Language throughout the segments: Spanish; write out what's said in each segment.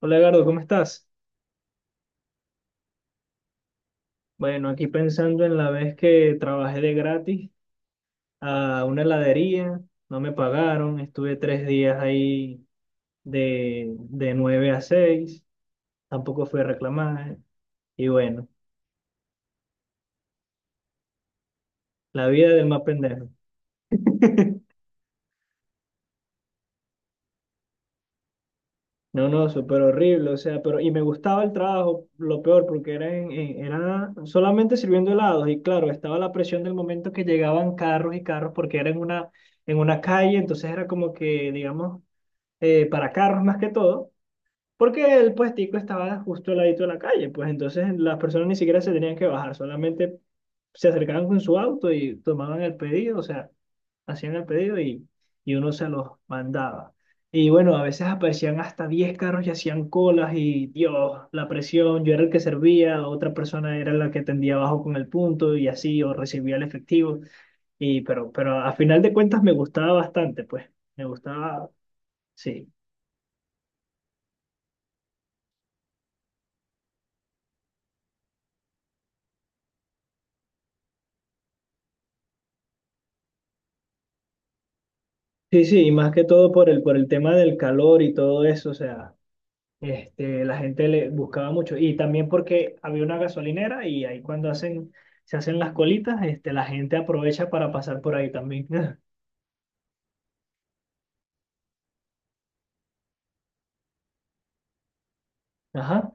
Hola Gardo, ¿cómo estás? Bueno, aquí pensando en la vez que trabajé de gratis a una heladería, no me pagaron, estuve 3 días ahí de 9 a 6, tampoco fui a reclamar, y bueno, la vida del más pendejo. No, no, súper horrible, o sea, pero y me gustaba el trabajo, lo peor, porque era solamente sirviendo helados, y claro, estaba la presión del momento que llegaban carros y carros, porque era en una calle, entonces era como que, digamos, para carros más que todo, porque el puestico estaba justo al ladito de la calle, pues entonces las personas ni siquiera se tenían que bajar, solamente se acercaban con su auto y tomaban el pedido, o sea, hacían el pedido y uno se los mandaba. Y bueno, a veces aparecían hasta 10 carros y hacían colas y Dios, la presión, yo era el que servía, otra persona era la que tendía abajo con el punto y así, o recibía el efectivo. Y pero a final de cuentas me gustaba bastante, pues, me gustaba, sí. Sí, sí, y más que todo por el tema del calor y todo eso, o sea, la gente le buscaba mucho. Y también porque había una gasolinera y ahí cuando hacen, se hacen las colitas, la gente aprovecha para pasar por ahí también. Ajá.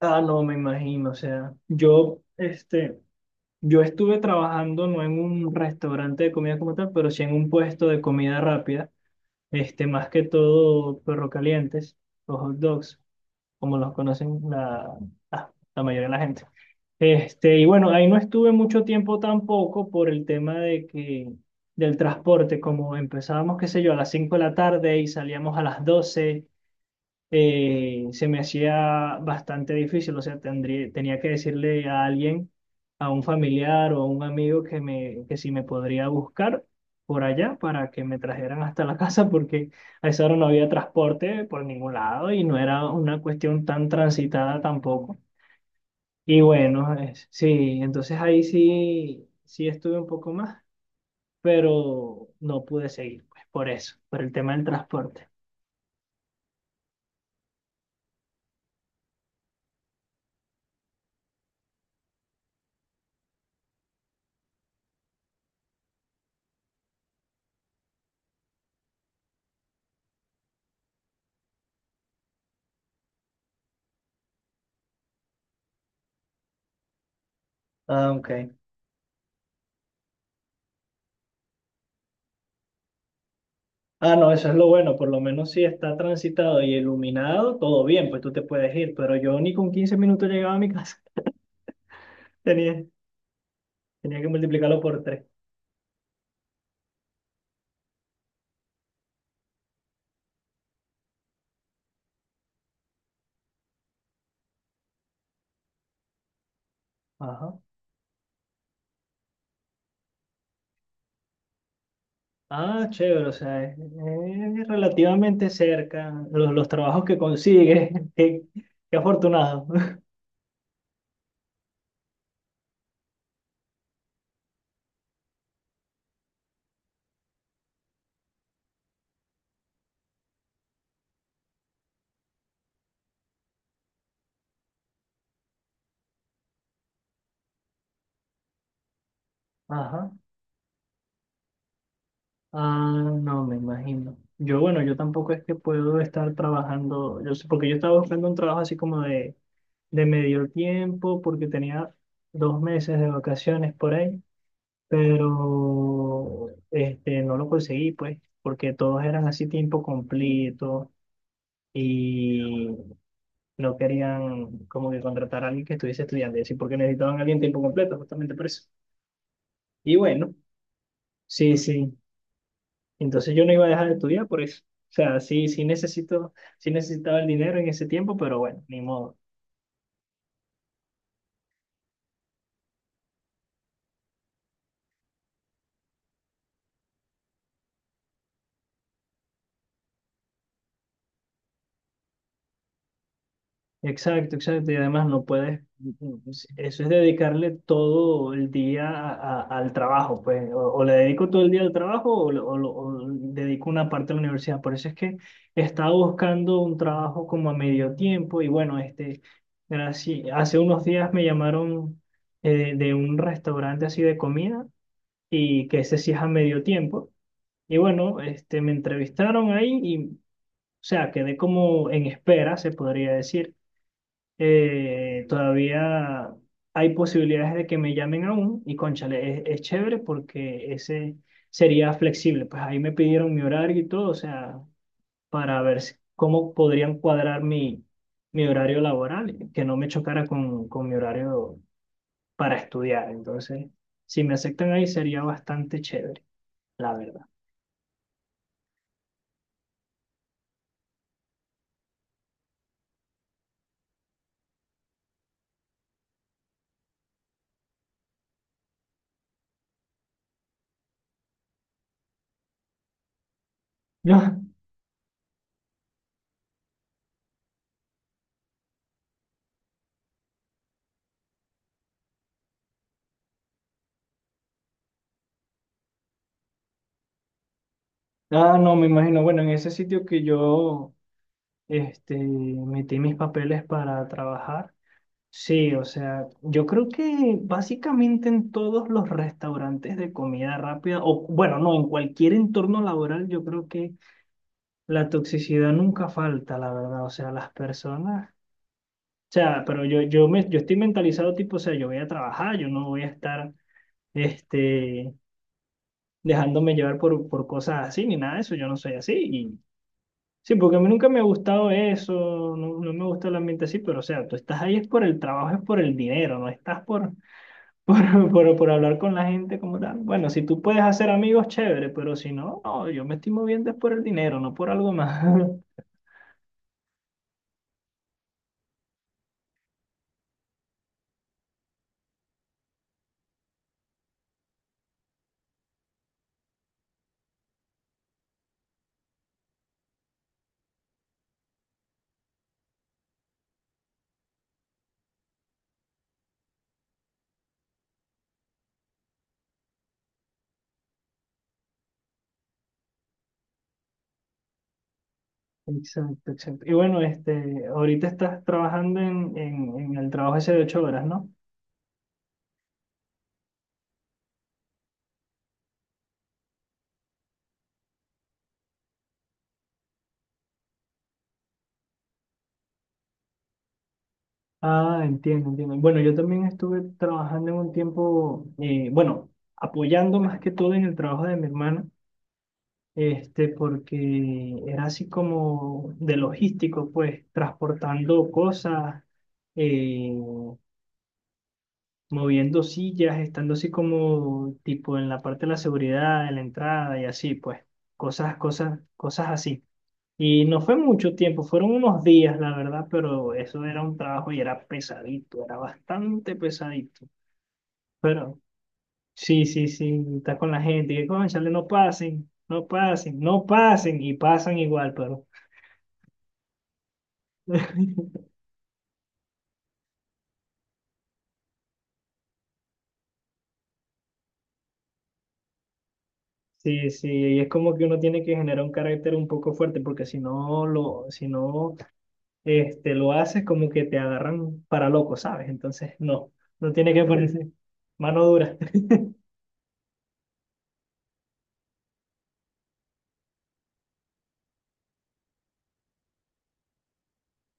Ah, no, me imagino, o sea, yo, yo estuve trabajando no en un restaurante de comida como tal, pero sí en un puesto de comida rápida, más que todo perro calientes, o hot dogs. Como los conocen la mayoría de la gente. Y bueno, ahí no estuve mucho tiempo tampoco por el tema de que del transporte, como empezábamos, qué sé yo, a las 5 de la tarde y salíamos a las 12, se me hacía bastante difícil, o sea, tendría, tenía que decirle a alguien, a un familiar o a un amigo que, me, que si me podría buscar por allá para que me trajeran hasta la casa, porque a esa hora no había transporte por ningún lado y no era una cuestión tan transitada tampoco. Y bueno, sí, entonces ahí sí, sí estuve un poco más, pero no pude seguir, pues por eso, por el tema del transporte. Ah, ok. Ah, no, eso es lo bueno, por lo menos si está transitado y iluminado, todo bien, pues tú te puedes ir, pero yo ni con 15 minutos llegaba a mi casa, tenía, tenía que multiplicarlo por tres. Ajá. Ah, chévere, o sea, es relativamente cerca, los trabajos que consigues, qué, qué afortunado. Ajá. Ah, no, me imagino. Yo, bueno, yo tampoco es que puedo estar trabajando, yo sé, porque yo estaba buscando un trabajo así como de, medio tiempo, porque tenía 2 meses de vacaciones por ahí, pero no lo conseguí, pues, porque todos eran así tiempo completo y no querían como que contratar a alguien que estuviese estudiando, y así porque necesitaban a alguien tiempo completo, justamente por eso. Y bueno, sí, sí. Entonces yo no iba a dejar de estudiar por eso. O sea, sí, sí necesito, sí necesitaba el dinero en ese tiempo, pero bueno, ni modo. Exacto, exacto. Y además no puedes, eso es dedicarle todo el día al trabajo, pues. O le dedico todo el día al trabajo o, o dedico una parte a la universidad. Por eso es que estaba buscando un trabajo como a medio tiempo y bueno, gracias, hace unos días me llamaron, de un restaurante así de comida y que ese sí es a medio tiempo. Y bueno, me entrevistaron ahí y, o sea, quedé como en espera, se podría decir. Todavía hay posibilidades de que me llamen aún y cónchale, es chévere porque ese sería flexible. Pues ahí me pidieron mi horario y todo, o sea, para ver si- cómo podrían cuadrar mi horario laboral, que no me chocara con mi horario para estudiar. Entonces, si me aceptan ahí sería bastante chévere, la verdad. Ah, no, me imagino. Bueno, en ese sitio que yo, metí mis papeles para trabajar, sí, o sea, yo creo que básicamente en todos los restaurantes de comida rápida, o bueno, no, en cualquier entorno laboral, yo creo que la toxicidad nunca falta, la verdad. O sea, las personas, o sea, pero yo, me, yo estoy mentalizado tipo, o sea, yo voy a trabajar, yo no voy a estar, este, dejándome llevar por cosas así, ni nada de eso, yo no soy así. Sí, porque a mí nunca me ha gustado eso, no, no me gusta el ambiente así, pero o sea, tú estás ahí es por el trabajo, es por el dinero, no estás por, por hablar con la gente como tal. Bueno, si tú puedes hacer amigos, chévere, pero si no, no, yo me estoy moviendo es por el dinero, no por algo más. Exacto, exacto. Y bueno, ahorita estás trabajando en, en el trabajo ese de 8 horas, ¿no? Ah, entiendo, entiendo. Bueno, yo también estuve trabajando en un tiempo, bueno, apoyando más que todo en el trabajo de mi hermana. Porque era así como de logístico, pues, transportando cosas, eh, moviendo sillas, estando así como tipo en la parte de la seguridad, en la entrada y así, pues, cosas, cosas, cosas así. Y no fue mucho tiempo, fueron unos días, la verdad, pero eso era un trabajo y era pesadito, era bastante pesadito. Pero sí, sí, sí, estás con la gente, y que, cónchale, no pasen, no pasen, no pasen, y pasan igual, pero sí, sí, y es como que uno tiene que generar un carácter un poco fuerte, porque si no lo, si no, lo haces, como que te agarran para loco, ¿sabes? Entonces, no, no tiene que ponerse mano dura.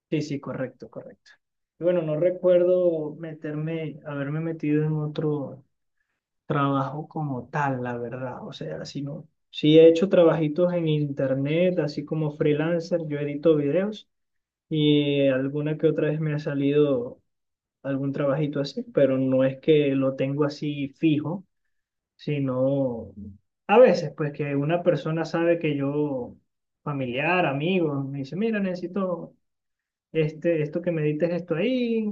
Sí, sí, correcto, correcto. Y bueno, no recuerdo meterme, haberme metido en otro trabajo como tal, la verdad. O sea, si no, sí he hecho trabajitos en internet, así como freelancer, yo edito videos y alguna que otra vez me ha salido algún trabajito así, pero no es que lo tengo así fijo, sino a veces, pues que una persona sabe que yo, familiar, amigos me dice, mira, necesito, esto que me edites esto ahí,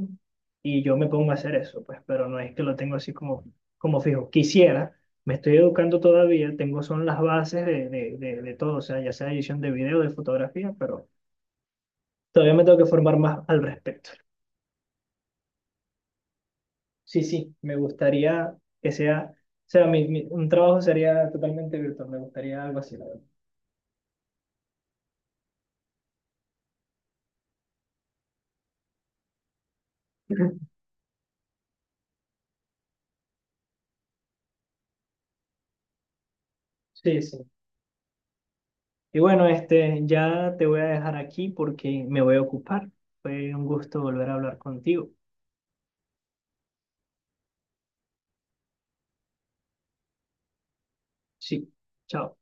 y yo me pongo a hacer eso, pues, pero no es que lo tengo así como, como fijo. Quisiera, me estoy educando todavía, tengo son las bases de todo, o sea, ya sea edición de video, de fotografía, pero todavía me tengo que formar más al respecto. Sí, sí, me gustaría que sea, o sea, un trabajo sería totalmente virtual, me gustaría algo así, la verdad. Sí, sí. Y bueno, ya te voy a dejar aquí porque me voy a ocupar. Fue un gusto volver a hablar contigo. Sí, chao.